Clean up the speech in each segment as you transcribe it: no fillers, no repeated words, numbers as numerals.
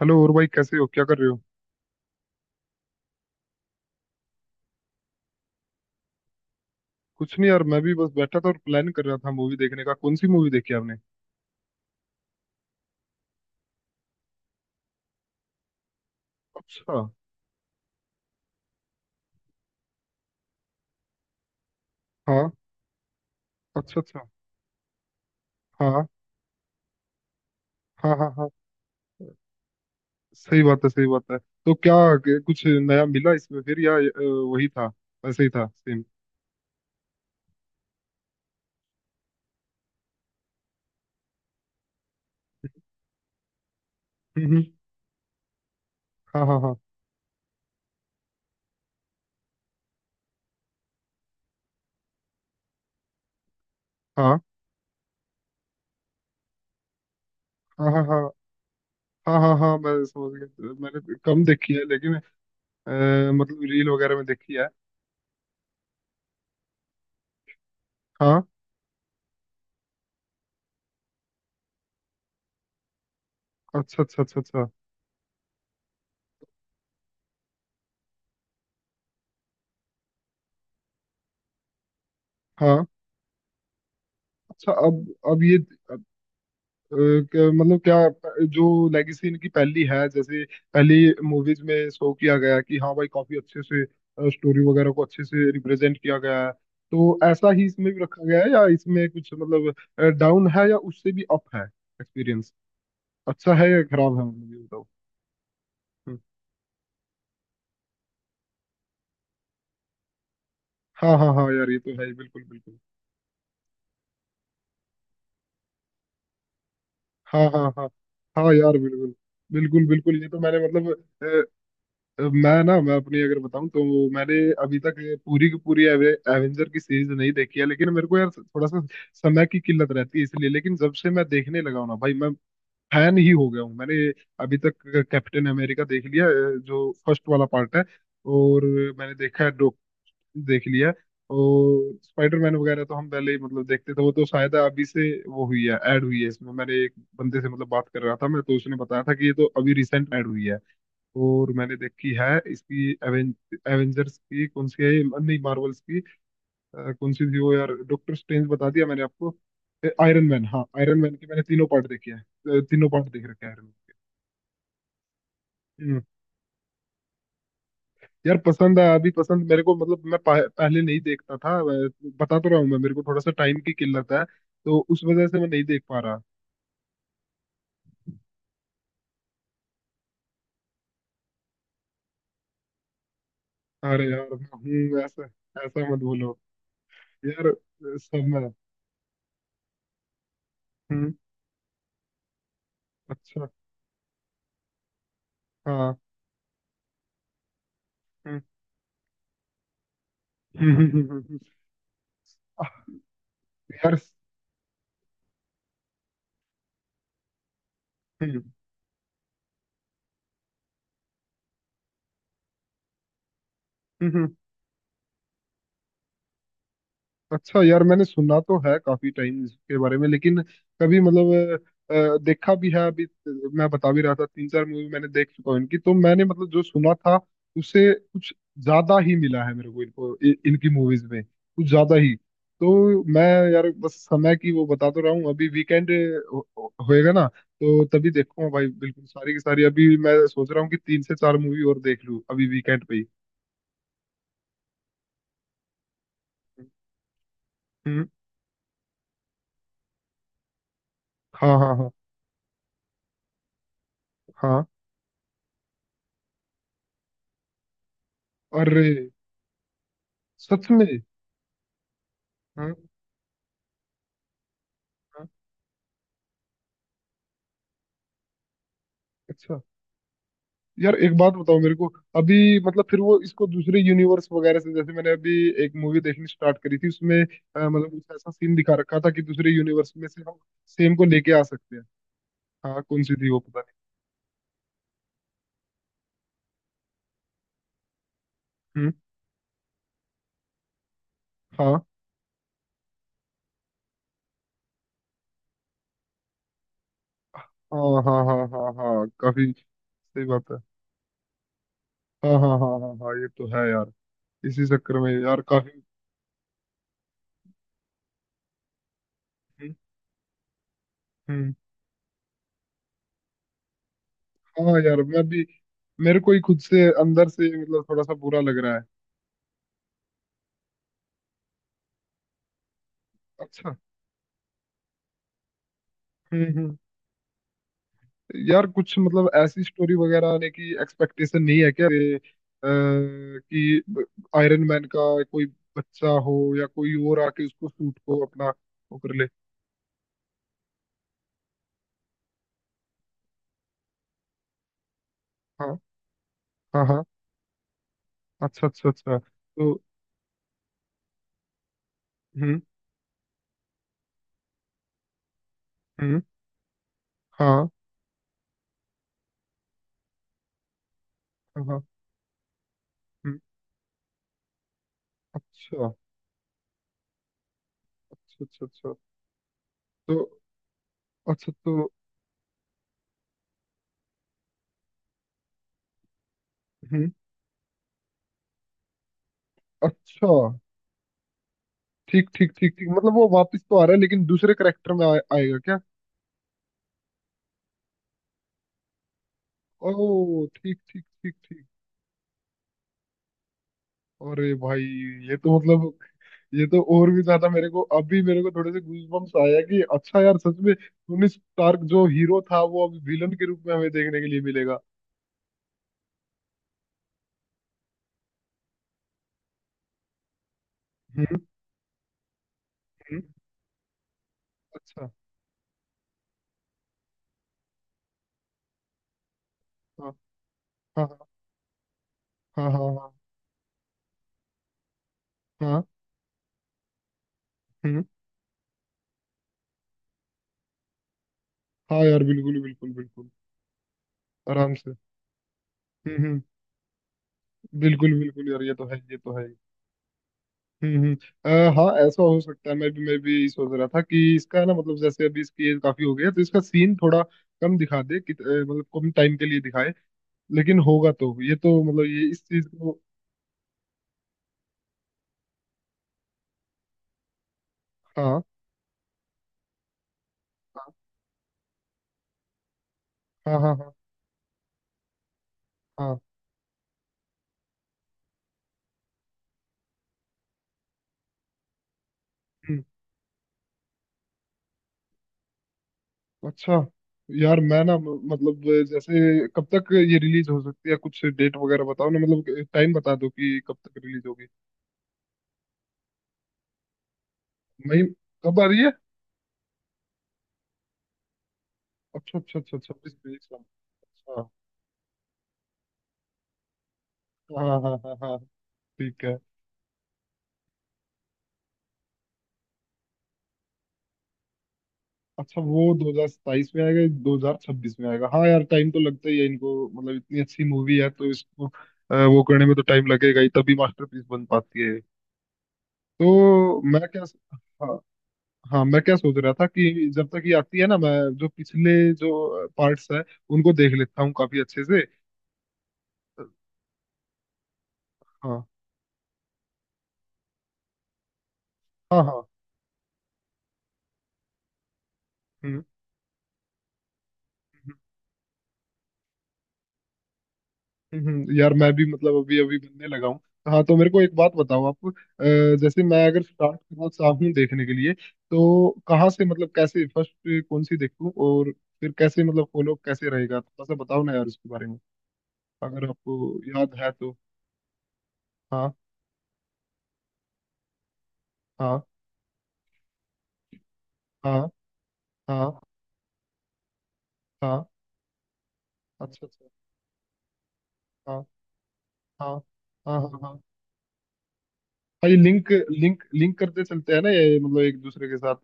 Hello और भाई, कैसे हो? क्या कर रहे हो? कुछ नहीं यार, मैं भी बस बैठा था और प्लान कर रहा था मूवी देखने का। कौन सी मूवी देखी आपने? अच्छा। हाँ। अच्छा अच्छा। हाँ हाँ हाँ। हाँ, सही बात है, सही बात है। तो क्या कुछ नया मिला इसमें, फिर या वही था? वैसे ही था, सेम? हम्म। हाँ हाँ हाँ हाँ हाँ हाँ हाँ हाँ हाँ हाँ, मैं समझ गया। तो मैंने कम देखी है लेकिन मतलब रील वगैरह में देखी है। हाँ, अच्छा अच्छा अच्छा अच्छा। हाँ। अच्छा, अब ये मतलब क्या जो लेगेसी इनकी पहली है, जैसे पहली मूवीज में शो किया गया कि हाँ भाई, काफी अच्छे से स्टोरी वगैरह को अच्छे से रिप्रेजेंट किया गया है। तो ऐसा ही इसमें भी रखा गया है या इसमें कुछ मतलब डाउन है, या उससे भी अप है एक्सपीरियंस? अच्छा है या खराब है, मतलब ये बताओ। हम्म। हाँ हाँ हाँ यार, ये तो है ही, बिल्कुल बिल्कुल। हाँ हाँ हाँ हाँ यार बिल्कुल बिल्कुल बिल्कुल, ये तो मैंने मतलब... मैं अपनी अगर बताऊं तो मैंने अभी तक पूरी की पूरी एवेंजर की सीरीज नहीं देखी है, लेकिन मेरे को यार थोड़ा सा समय की किल्लत रहती है, इसलिए। लेकिन जब से मैं देखने लगा हूं ना भाई, मैं फैन ही हो गया हूँ। मैंने अभी तक कैप्टन अमेरिका देख लिया, जो फर्स्ट वाला पार्ट है। और मैंने देखा है डॉक, देख लिया है। और स्पाइडरमैन वगैरह तो हम पहले ही मतलब देखते थे, वो तो शायद अभी से वो हुई है, ऐड हुई है इसमें। मैंने एक बंदे से मतलब बात कर रहा था मैं तो, उसने बताया था कि ये तो अभी रिसेंट ऐड हुई है। और मैंने देखी है इसकी एवेंजर्स की। कौन सी है ये? नहीं, मार्वल्स की। कौन सी थी वो यार? डॉक्टर स्ट्रेंज, बता दिया मैंने आपको। आयरन मैन, हाँ आयरन मैन के मैंने तीनों पार्ट देखे हैं। तीनों पार्ट देख रखे हैं आयरन मैन के। हम्म। यार पसंद है, अभी पसंद मेरे को। मतलब मैं पहले नहीं देखता था। बता तो रहा हूँ मैं, मेरे को थोड़ा सा टाइम की किल्लत है, तो उस वजह से मैं नहीं देख पा रहा। अरे यार, मैं हूँ ऐसा। ऐसा मत बोलो। यार सब में। हम्म। अच्छा। हाँ। हम्म। हम्म। हम्म। हम्म। हम्म। हम्म। आह, यार। हम्म हम्म। हम्म। अच्छा यार, मैंने सुना तो है काफी टाइम इसके बारे में, लेकिन कभी मतलब, देखा भी है अभी। मैं बता भी रहा था, तीन चार मूवी मैंने देख चुका हूँ इनकी। तो मैंने मतलब जो सुना था उससे कुछ ज्यादा ही मिला है मेरे को इनको, इनकी मूवीज में कुछ ज्यादा ही। तो मैं यार, बस समय की वो बता तो रहा हूँ। अभी वीकेंड होएगा ना, तो तभी देखूंगा भाई बिल्कुल सारी की सारी। अभी मैं सोच रहा हूँ कि तीन से चार मूवी और देख लूँ अभी वीकेंड पे ही। हम्म। हाँ हाँ हाँ हाँ। अरे, सच में? हाँ हाँ। अच्छा यार, एक बात बताओ मेरे को। अभी मतलब फिर वो इसको दूसरे यूनिवर्स वगैरह से, जैसे मैंने अभी एक मूवी देखनी स्टार्ट करी थी, उसमें मतलब कुछ ऐसा सीन दिखा रखा था कि दूसरे यूनिवर्स में से हम सेम को लेके आ सकते हैं। हाँ, कौन सी थी वो पता नहीं। हम्म। हाँ हाँ हाँ हाँ हाँ हाँ, काफी सही बात है। हाँ हाँ हाँ हाँ हाँ, ये तो है यार। इसी चक्कर में यार काफी... हम्म हम्म। हाँ यार, मैं भी मेरे को ही खुद से अंदर से मतलब थोड़ा सा बुरा लग रहा है। अच्छा। हम्म। यार कुछ मतलब ऐसी स्टोरी वगैरह आने की एक्सपेक्टेशन नहीं है क्या? अरे, कि आयरन मैन का कोई बच्चा हो या कोई और आके उसको सूट को अपना वो कर ले। हाँ हाँ हाँ। अच्छा अच्छा अच्छा। तो हम्म हम्म। हाँ हाँ हाँ। हम्म। अच्छा अच्छा अच्छा अच्छा। तो अच्छा। तो हम्म। अच्छा, ठीक ठीक ठीक ठीक, मतलब वो वापस तो आ रहा है, लेकिन दूसरे करेक्टर में आएगा क्या? ओह, ठीक ठीक ठीक ठीक। अरे भाई, ये तो मतलब, ये तो और भी ज्यादा। मेरे को अभी मेरे को थोड़े से गूजबम्प्स आया कि अच्छा यार, सच में टोनी स्टार्क जो हीरो था वो अब विलन के रूप में हमें देखने के लिए मिलेगा। हम्म हम्म। अच्छा। हाँ हाँ हाँ हाँ हाँ हाँ। हम्म। हाँ यार, बिल्कुल बिल्कुल बिल्कुल। आराम से। हम्म। बिल्कुल बिल्कुल यार, ये तो है, ये तो है। हम्म। हाँ, ऐसा हो सकता है। मैं भी सोच रहा था कि इसका है ना, मतलब जैसे अभी इसकी एज काफी हो गई है, तो इसका सीन थोड़ा कम दिखा दे, कि मतलब कम टाइम के लिए दिखाए। लेकिन होगा तो ये, तो मतलब ये इस चीज को... हाँ हाँ हाँ हाँ हाँ। हम्म। अच्छा यार, मैं ना मतलब जैसे कब तक ये रिलीज हो सकती है? कुछ डेट वगैरह बताओ ना, मतलब टाइम बता दो कि कब तक रिलीज होगी। मई? कब आ रही है? अच्छा अच्छा अच्छा। 26 मई को। अच्छा। हाँ हाँ हाँ हाँ हाँ, ठीक है। अच्छा, वो 2027 में आएगा, 2026 में आएगा। हाँ यार, टाइम तो लगता ही है इनको, मतलब इतनी अच्छी मूवी है तो इसको वो करने में तो टाइम लगेगा ही, तभी मास्टरपीस बन पाती है। तो मैं क्या... हाँ हाँ, मैं क्या सोच रहा था कि जब तक ये आती है ना, मैं जो पिछले जो पार्ट्स है उनको देख लेता हूँ काफी अच्छे से। हाँ हाँ हाँ। हम्म हम्म। हम्म। हम्म। यार मैं भी मतलब अभी अभी बनने लगा हूँ। हाँ, तो मेरे को एक बात बताओ आप। जैसे मैं अगर स्टार्ट करना चाहूँ देखने के लिए, तो कहाँ से मतलब कैसे फर्स्ट कौन सी देखूँ? और फिर कैसे मतलब फॉलो कैसे रहेगा? थोड़ा सा बताओ ना यार इसके बारे में, अगर आपको याद है तो। हाँ हाँ हाँ हाँ हाँ। अच्छा अच्छा। हाँ हाँ हाँ हाँ हाँ हाँ, ये लिंक लिंक लिंक करते चलते हैं ना ये, मतलब एक दूसरे के साथ?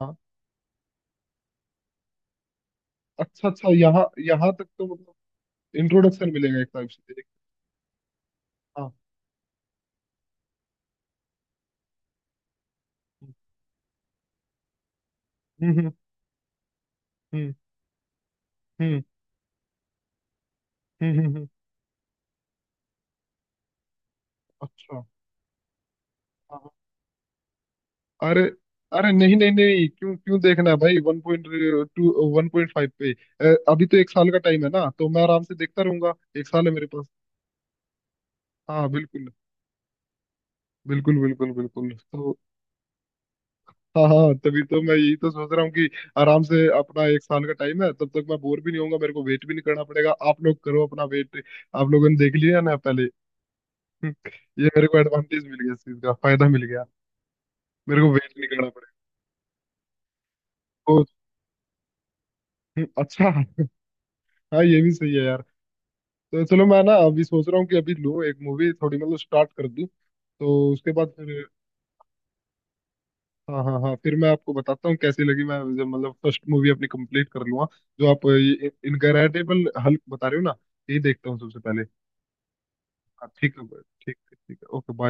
हाँ। अच्छा अच्छा, यहाँ यहाँ तक तो मतलब इंट्रोडक्शन मिलेगा एक टाइप से। हाँ। हम्म। हम्म हम्म। हम्म। हम्म। अच्छा। हाँ हाँ। अरे अरे, नहीं नहीं नहीं, क्यों क्यों देखना है भाई 1.2, 1.5 पे? अभी तो एक साल का टाइम है ना, तो मैं आराम से देखता रहूंगा। एक साल है मेरे पास। हाँ बिल्कुल बिल्कुल बिल्कुल बिल्कुल। तो हाँ हाँ, तभी तो मैं यही तो सोच रहा हूँ कि आराम से अपना एक साल का टाइम है, तब तक मैं बोर भी नहीं होऊंगा, मेरे को वेट भी नहीं करना पड़ेगा। आप लोग करो अपना वेट, आप लोगों ने देख लिया ना पहले। हम्म। ये मेरे को एडवांटेज मिल गया, इस चीज का फायदा मिल गया, मेरे को वेट नहीं करना पड़ेगा। तो हम्म। अच्छा, हाँ ये भी सही है यार। तो चलो, मैं ना अभी सोच रहा हूँ कि अभी लो एक मूवी थोड़ी मतलब स्टार्ट कर दूँ, तो उसके बाद फिर... हाँ हाँ हाँ, फिर मैं आपको बताता हूँ कैसी लगी, मैं जब मतलब फर्स्ट मूवी अपनी कंप्लीट कर लूंगा, जो आप ये इनकरेडिबल हल्क बता रहे हो ना, यही देखता हूँ सबसे पहले। हाँ, ठीक है ठीक है ठीक है, ओके।